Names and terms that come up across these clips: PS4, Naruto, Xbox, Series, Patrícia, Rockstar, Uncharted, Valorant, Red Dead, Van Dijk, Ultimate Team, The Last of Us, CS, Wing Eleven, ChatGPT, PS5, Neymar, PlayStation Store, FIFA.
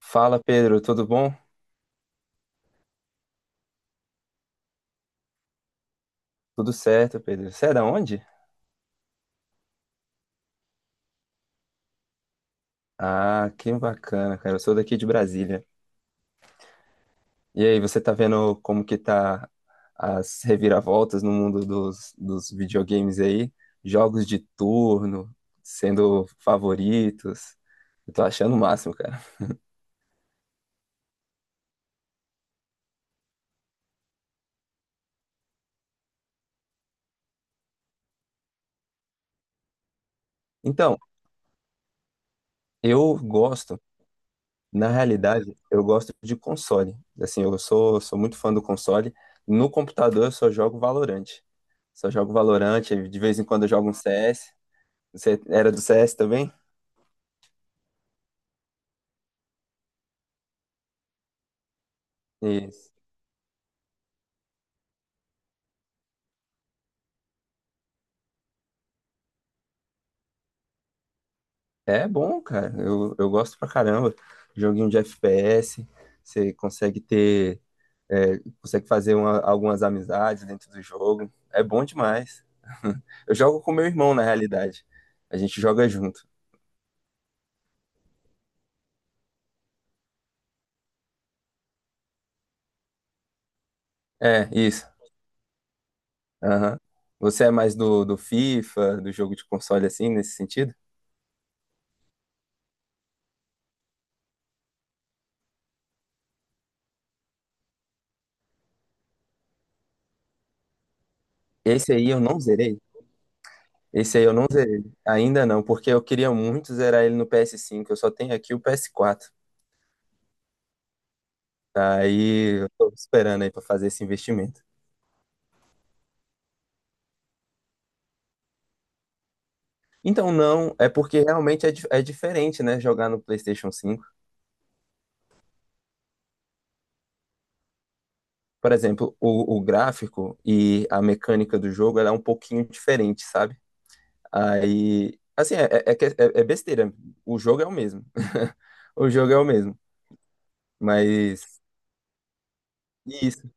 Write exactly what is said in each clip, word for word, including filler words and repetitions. Fala, Pedro, tudo bom? Tudo certo, Pedro. Você é da onde? Ah, que bacana, cara. Eu sou daqui de Brasília. E aí, você tá vendo como que tá as reviravoltas no mundo dos, dos videogames aí? Jogos de turno sendo favoritos. Eu tô achando o máximo, cara. Então, eu gosto, na realidade, eu gosto de console. Assim, eu sou, sou muito fã do console. No computador, eu só jogo Valorant. Só jogo Valorant, de vez em quando eu jogo um C S. Você era do C S também? Isso. É bom, cara. Eu, eu gosto pra caramba. Joguinho de F P S, você consegue ter, é, consegue fazer uma- algumas amizades dentro do jogo. É bom demais. Eu jogo com meu irmão, na realidade. A gente joga junto. É, isso. Aham. Você é mais do, do FIFA, do jogo de console assim, nesse sentido? Esse aí eu não zerei. Esse aí eu não zerei. Ainda não, porque eu queria muito zerar ele no P S cinco. Eu só tenho aqui o P S quatro. Aí eu tô esperando aí pra fazer esse investimento. Então, não, é porque realmente é, di- é diferente, né? Jogar no PlayStation cinco. Por exemplo, o, o gráfico e a mecânica do jogo ela é um pouquinho diferente, sabe? Aí, assim, é, é, é que- é- é é besteira. O jogo é o mesmo. O jogo é o mesmo. Mas, isso.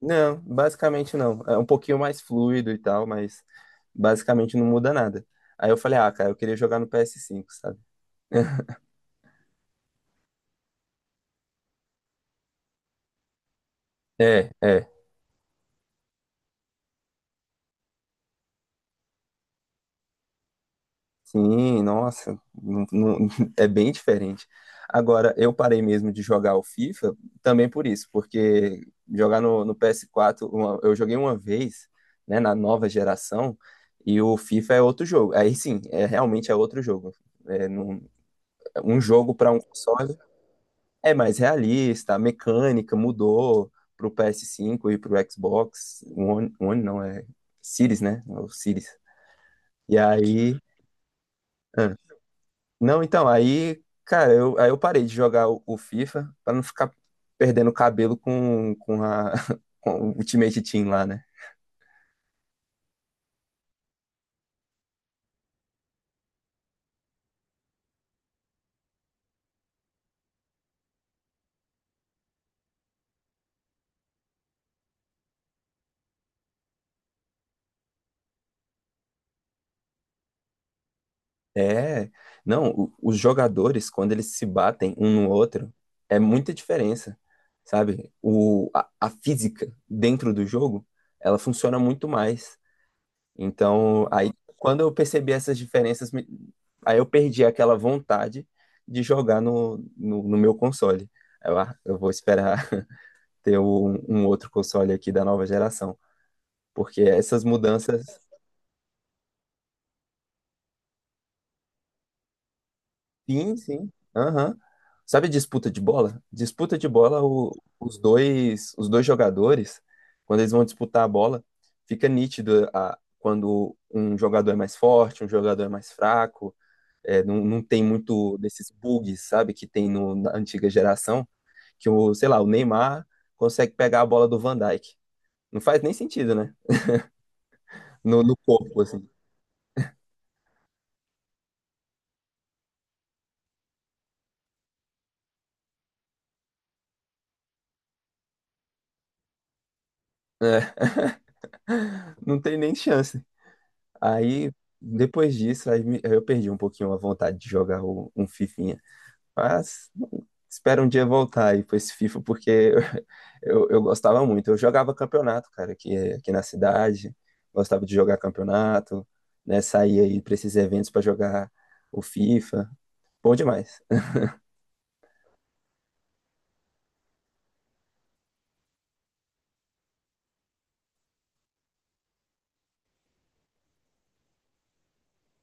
Não, basicamente não. É um pouquinho mais fluido e tal, mas basicamente não muda nada. Aí eu falei, ah, cara, eu queria jogar no P S cinco, sabe? É, é. Sim, nossa, não- não- é bem diferente. Agora, eu parei mesmo de jogar o FIFA também por isso, porque jogar no, no P S quatro, uma- eu joguei uma vez, né, na nova geração, e o FIFA é outro jogo. Aí sim, é realmente é outro jogo. É num- um jogo para um console é mais realista, a mecânica mudou pro P S cinco e pro Xbox One. One não, é Series, né? É O Series. E aí. Não, então, aí, cara, eu, aí eu parei de jogar o, o FIFA pra não ficar perdendo cabelo com, com, a, com o Ultimate Team lá, né? É, não, o- os jogadores, quando eles se batem um no outro, é muita diferença, sabe? O, a, a física dentro do jogo, ela funciona muito mais. Então, aí, quando eu percebi essas diferenças, me- aí eu perdi aquela vontade de jogar no, no, no meu console. Aí Eu, ah, eu vou esperar ter um, um outro console aqui da nova geração. Porque essas mudanças. Sim, sim. Aham. Sabe disputa de bola? Disputa de bola, o- os dois, os dois jogadores, quando eles vão disputar a bola, fica nítido a- quando um jogador é mais forte, um jogador é mais fraco. É, não, não tem muito desses bugs, sabe, que tem no- na antiga geração, que o, sei lá, o Neymar consegue pegar a bola do Van Dijk. Não faz nem sentido, né? No, no corpo, assim. É, não tem nem chance. Aí, depois disso, aí me- eu perdi um pouquinho a vontade de jogar o- um fifinha. Mas espero um dia voltar aí pra esse FIFA, porque eu, eu, gostava muito. Eu jogava campeonato, cara, aqui, aqui na cidade. Gostava de jogar campeonato, né? Saía aí pra esses eventos pra jogar o FIFA. Bom demais.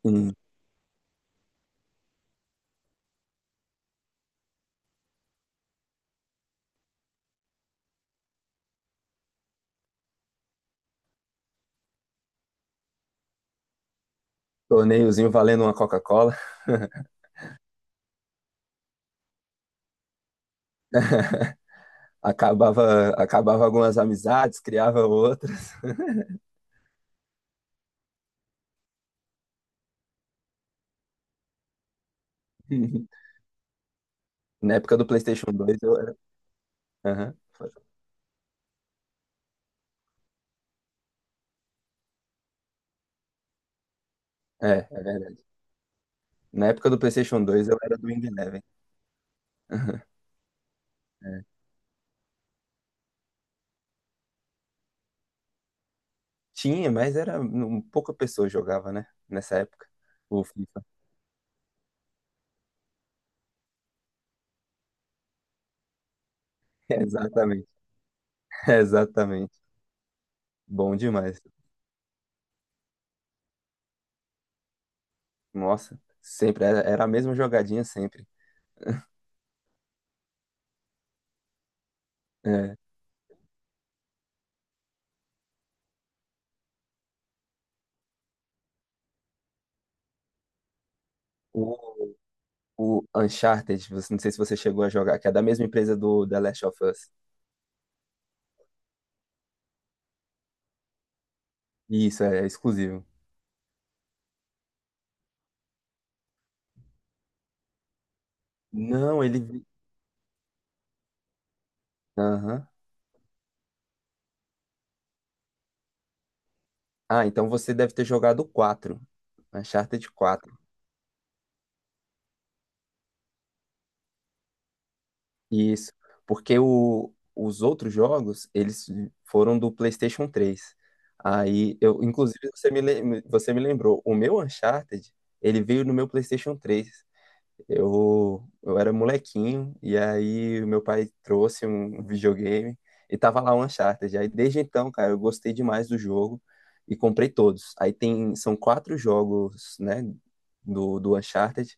Um torneiozinho valendo uma Coca-Cola. Acabava, acabava algumas amizades, criava outras. Na época do PlayStation dois eu era. Aham. É, é verdade. Na época do PlayStation dois, eu era do Wing Eleven. É. Tinha, mas era um, pouca pessoa jogava, né? Nessa época. O FIFA. Exatamente. Exatamente. Bom demais. Nossa, sempre era, era a mesma jogadinha sempre. É. O, o Uncharted, você- não sei se você chegou a jogar, que é da mesma empresa do The Last of Us. Isso, é, é exclusivo. Não, ele. Aham. Ah, então você deve ter jogado o quatro. Uncharted quatro. Isso, porque o- os outros jogos, eles foram do PlayStation três. Aí eu, inclusive, você me, lem- você me lembrou, o meu Uncharted, ele veio no meu PlayStation três. Eu, eu era molequinho e aí o meu pai trouxe um videogame e tava lá o Uncharted. Aí desde então, cara, eu gostei demais do jogo e comprei todos. Aí tem, são quatro jogos, né, do, do Uncharted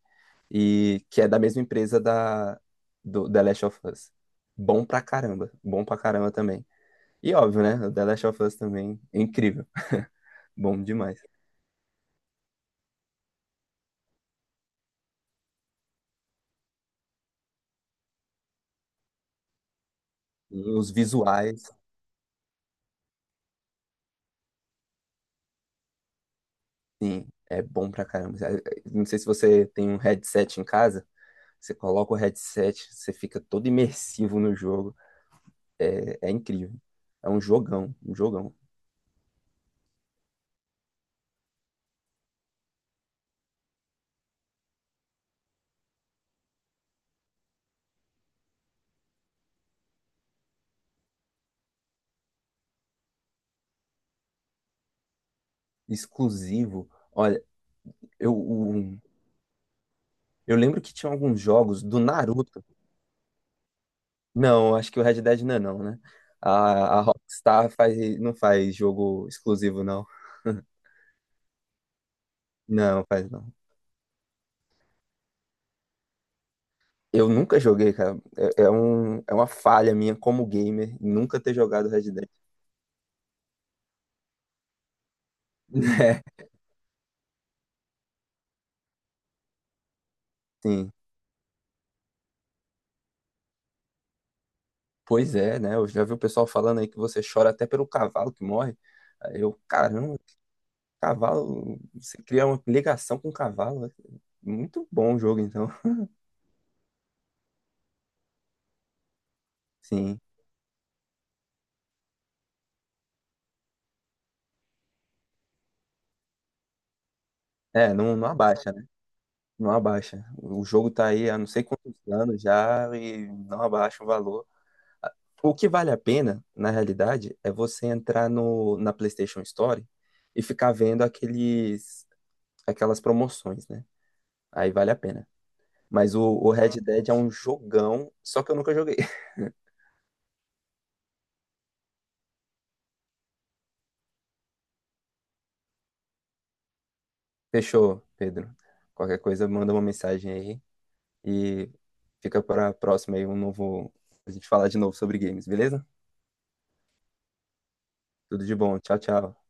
e que é da mesma empresa da do The Last of Us. Bom pra caramba, bom pra caramba também. E óbvio, né, o The Last of Us também é incrível, bom demais. E os visuais. Sim, é bom pra caramba. É, é, Não sei se você tem um headset em casa, você coloca o headset, você fica todo imersivo no jogo. É, é incrível. É um jogão, um jogão. Exclusivo. Olha, eu, o- eu lembro que tinha alguns jogos do Naruto. Não, acho que o Red Dead não é não, né? A, a Rockstar faz, não faz jogo exclusivo, não. Não, faz não. Eu nunca joguei, cara. É, é um, é uma falha minha como gamer nunca ter jogado Red Dead. É, sim. Pois é, né? Eu já vi o pessoal falando aí que você chora até pelo cavalo que morre. Aí eu, caramba, cavalo, você cria uma ligação com o cavalo, né? Muito bom o jogo, então. Sim. É, não, não abaixa, né? Não abaixa. O jogo tá aí há não sei quantos anos já e não abaixa o valor. O que vale a pena, na realidade, é você entrar no, na PlayStation Store e ficar vendo aqueles, aquelas promoções, né? Aí vale a pena. Mas o, o Red Dead é um jogão, só que eu nunca joguei. Fechou, Pedro. Qualquer coisa, manda uma mensagem aí e fica para a próxima aí um novo. A gente falar de novo sobre games, beleza? Tudo de bom. Tchau, tchau.